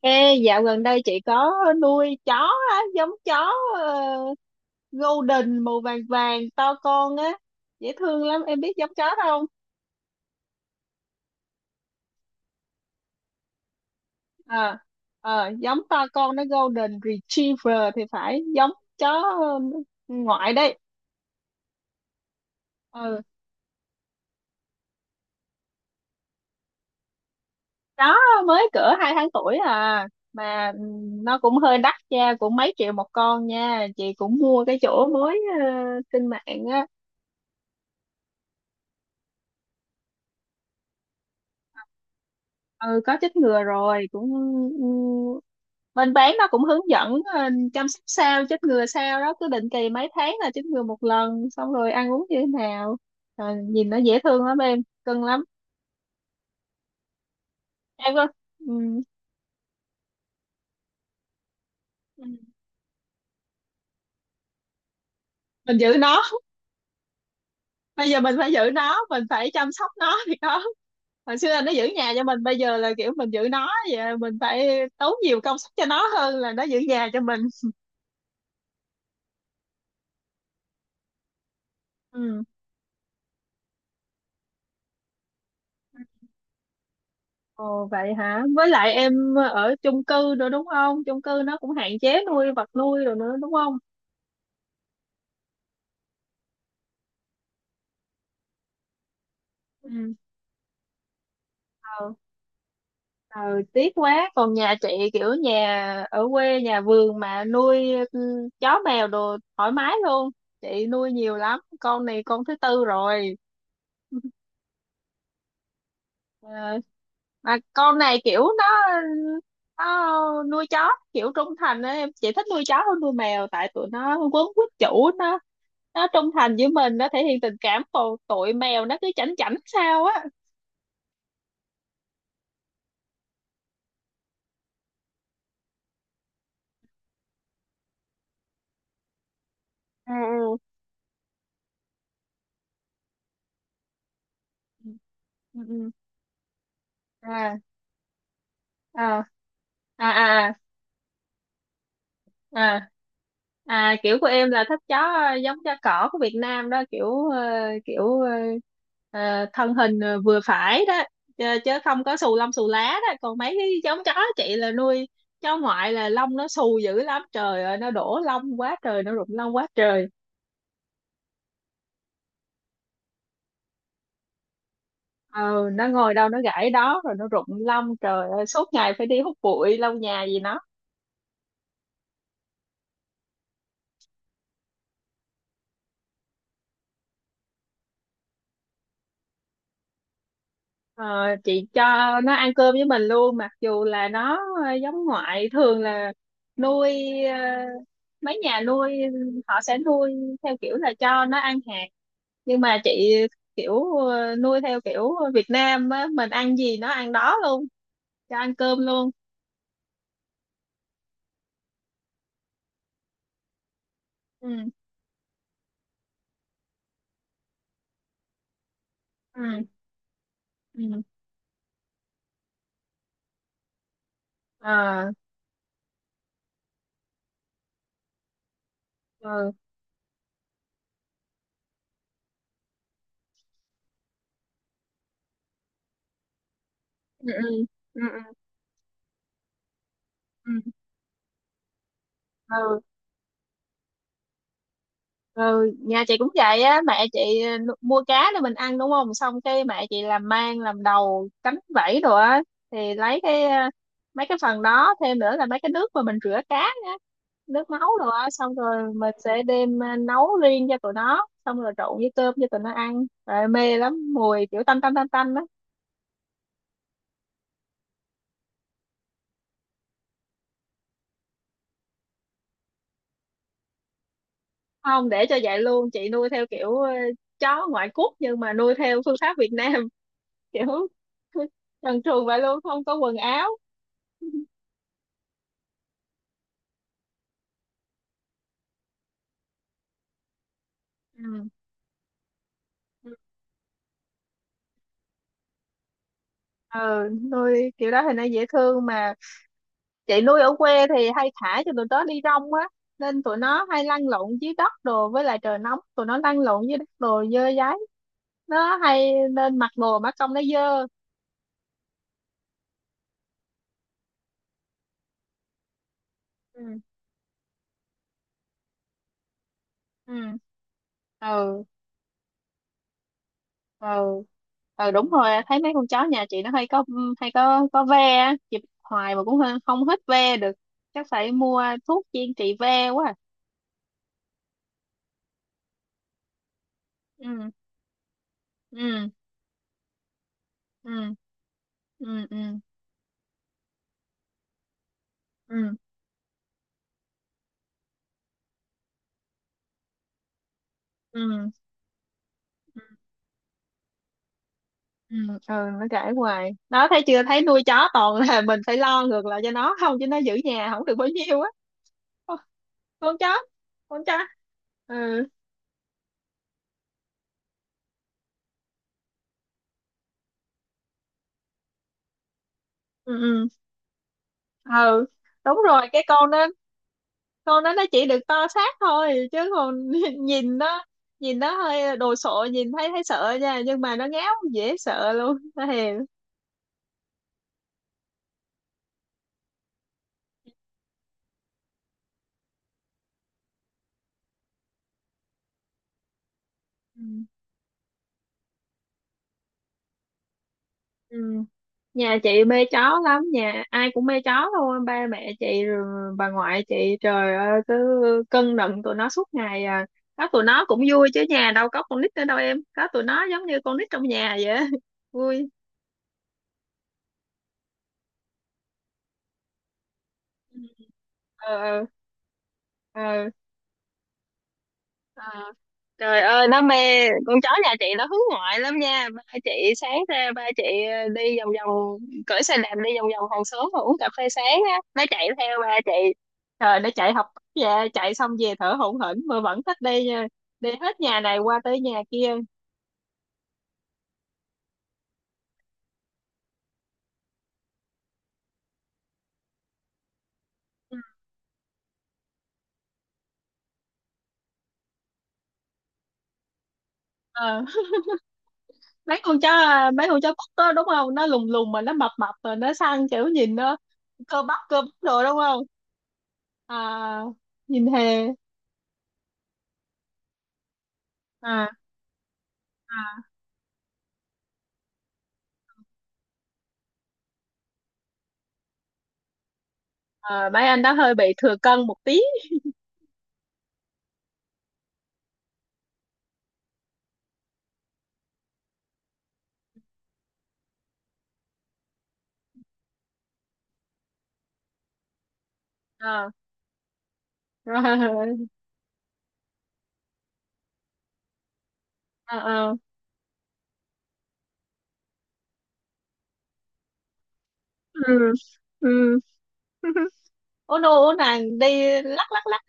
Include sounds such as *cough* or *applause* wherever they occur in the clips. Ê, dạo gần đây chị có nuôi chó á, giống chó ờ, golden màu vàng vàng to con á, dễ thương lắm, em biết giống chó đó không? Ờ, Giống to con, nó golden retriever thì phải, giống chó ngoại đấy. Ừ, đó mới cỡ 2 tháng tuổi à, mà nó cũng hơi đắt nha, cũng mấy triệu một con nha. Chị cũng mua cái chỗ mới trên mạng. Ừ, có chích ngừa rồi cũng ừ, bên bán nó cũng hướng dẫn chăm sóc sao, chích ngừa sao đó, cứ định kỳ mấy tháng là chích ngừa một lần, xong rồi ăn uống như thế nào. Rồi nhìn nó dễ thương lắm em, cưng lắm em có. Ừ. Ừ. Mình giữ nó, bây giờ mình phải giữ nó, mình phải chăm sóc nó thì có. Hồi xưa là nó giữ nhà cho mình, bây giờ là kiểu mình giữ nó vậy, mình phải tốn nhiều công sức cho nó hơn là nó giữ nhà cho mình. Ừ. Ồ vậy hả? Với lại em ở chung cư nữa đúng không? Chung cư nó cũng hạn chế nuôi vật nuôi rồi nữa đúng không? Ừ. Ờ, ờ, tiếc quá. Còn nhà chị kiểu nhà ở quê, nhà vườn, mà nuôi ừ, chó mèo đồ thoải mái luôn. Chị nuôi nhiều lắm. Con này con thứ tư rồi. Ờ, mà con này kiểu nó nuôi chó kiểu trung thành á. Em chỉ thích nuôi chó hơn nuôi mèo tại tụi nó quấn quýt chủ nó trung thành với mình, nó thể hiện tình cảm, còn tụi mèo nó cứ chảnh chảnh sao á. Ừ ừ ừ ừ. ừ. à à à à à à Kiểu của em là tháp chó giống chó cỏ của Việt Nam đó, kiểu thân hình vừa phải đó, chứ không có xù lông xù lá đó. Còn mấy cái giống chó chị là nuôi, chó ngoại là lông nó xù dữ lắm, trời ơi nó đổ lông quá trời, nó rụng lông quá trời. Ờ, nó ngồi đâu nó gãi đó rồi nó rụng lông, trời ơi, suốt ngày phải đi hút bụi lau nhà gì nó. Ờ, chị cho nó ăn cơm với mình luôn, mặc dù là nó giống ngoại thường là nuôi ờ, mấy nhà nuôi họ sẽ nuôi theo kiểu là cho nó ăn hạt, nhưng mà chị kiểu nuôi theo kiểu Việt Nam á, mình ăn gì nó ăn đó luôn, cho ăn cơm luôn. Ừ ừ ừ ờ ừ ừ ừ ừ ừ ừ. Ừ, nhà chị cũng vậy á. Mẹ chị mua cá để mình ăn đúng không, xong cái mẹ chị làm, mang làm đầu cánh vảy rồi á, thì lấy cái mấy cái phần đó, thêm nữa là mấy cái nước mà mình rửa cá á, nước máu rồi á, xong rồi mình sẽ đem nấu riêng cho tụi nó, xong rồi trộn với cơm cho tụi nó ăn, rồi mê lắm, mùi kiểu tanh tanh tanh tanh đó. Không, để cho vậy luôn. Chị nuôi theo kiểu chó ngoại quốc nhưng mà nuôi theo phương pháp Việt Nam. *laughs* Kiểu trần truồng vậy luôn, không có quần áo. Ừ. Ừ, nuôi kiểu đó thì nó dễ thương, mà chị nuôi ở quê thì hay thả cho tụi nó đi rong á, nên tụi nó hay lăn lộn dưới đất đồ, với lại trời nóng tụi nó lăn lộn dưới đất đồ dơ dáy nó hay, nên mặc đồ mà trông nó dơ. ừ ừ ừ ừ ừ, đúng rồi, thấy mấy con chó nhà chị nó hay có, hay có ve á. Chị bắt hoài mà cũng hơi- không hết ve được, chắc phải mua thuốc chuyên trị ve quá à. Ừ ừ ừ ừ ừ ừ ừ ừ ừ Ừ, nó kể hoài, nó thấy chưa thấy nuôi chó toàn là *laughs* mình phải lo ngược lại cho nó, không chứ nó giữ nhà không được bao nhiêu á. Ô, con chó, con chó. ừ ừ ừ ừ, đúng rồi, cái con đó, con đó nó chỉ được to xác thôi chứ còn *laughs* nhìn nó, nhìn nó hơi đồ sộ, nhìn thấy thấy sợ nha, nhưng mà nó ngáo dễ sợ luôn, nó hiền. Ừ. Nhà chị mê chó lắm, nhà ai cũng mê chó thôi, ba mẹ chị rồi bà ngoại chị, trời ơi, cứ cưng nựng tụi nó suốt ngày à. Có tụi nó cũng vui chứ, nhà đâu có con nít nữa đâu em, có tụi nó giống như con nít trong nhà vậy á. *laughs* Vui. Ừ. ờ ờ ờ. Ờ. Trời ơi nó mê, con chó nhà chị nó hướng ngoại lắm nha. Ba chị sáng ra, ba chị đi vòng vòng, cởi xe đạp đi vòng vòng hàng xóm mà uống cà phê sáng á, nó chạy theo ba chị. Trời, nó chạy học về, chạy xong về thở hổn hển mà vẫn thích đi nha, đi hết nhà này qua tới nhà kia. Ờ, *laughs* mấy con chó à, mấy con chó cút đó đúng không, nó lùng lùng mà nó mập mập rồi nó săn, kiểu nhìn nó cơ bắp rồi đúng không. À, nhìn hề. À. Ờ, mấy anh đó hơi bị thừa cân một tí. Ờ, *laughs* rồi. Ờ, ờ. ừ ừ *laughs* Ủa nô, ủa nàng đi lắc lắc lắc.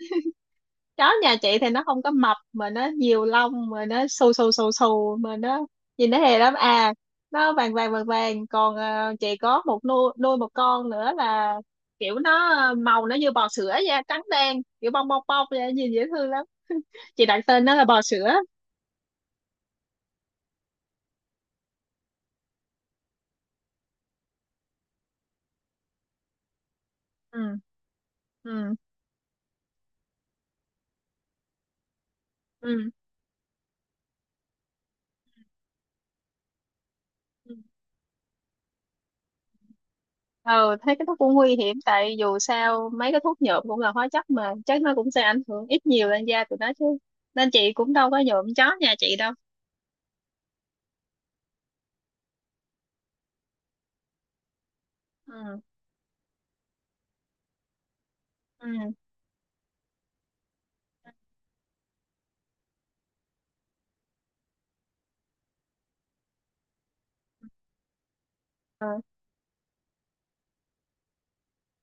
Chó nhà chị thì nó không có mập mà nó nhiều lông, mà nó xù xù xù xù, mà nó nhìn nó hề lắm à. Nó vàng vàng vàng vàng. Còn chị có một nuôi, nuôi một con nữa là, kiểu nó màu nó như bò sữa, da trắng đen kiểu bong bong bong vậy, nhìn dễ thương lắm. Chị đặt tên nó là bò sữa. ừ ừ ừ Ừ. Ờ, thấy cái thuốc cũng nguy hiểm, tại dù sao mấy cái thuốc nhuộm cũng là hóa chất, mà chắc nó cũng sẽ ảnh hưởng ít nhiều lên da tụi nó chứ. Nên chị cũng đâu có nhuộm chó nhà chị đâu. ừ ừ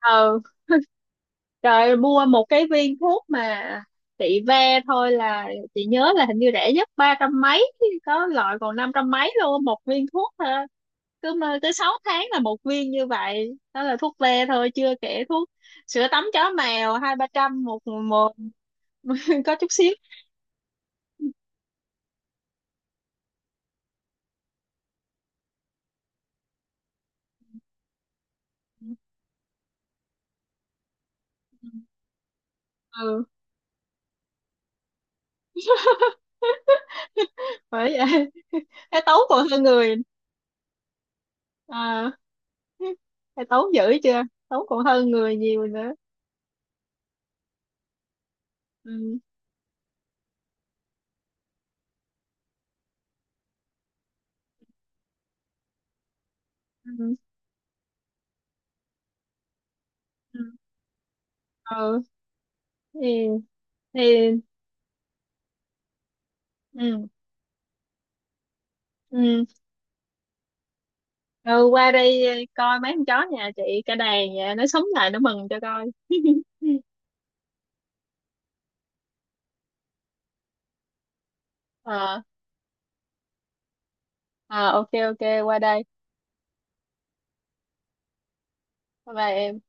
ờ, trời, mua một cái viên thuốc mà chị, ve thôi là, chị nhớ là hình như rẻ nhất 300 mấy, có loại còn 500 mấy luôn, một viên thuốc thôi. Cứ mơ tới 6 tháng là một viên như vậy đó, là thuốc ve thôi, chưa kể thuốc, sữa tắm chó mèo 2, 3 trăm một, một có chút xíu. Ừ, *laughs* bởi vậy. Cái tấu còn hơn người. À, cái tấu dữ chưa, tấu còn hơn người nhiều nữa. ừ ừ ừ ừ thì, thì. ừ ừ ừ, qua đây coi mấy con chó nhà chị cả đàn, nhà nó sống lại nó mừng cho coi. *laughs* ờ ờ OK, OK, qua đây. Bye bye em.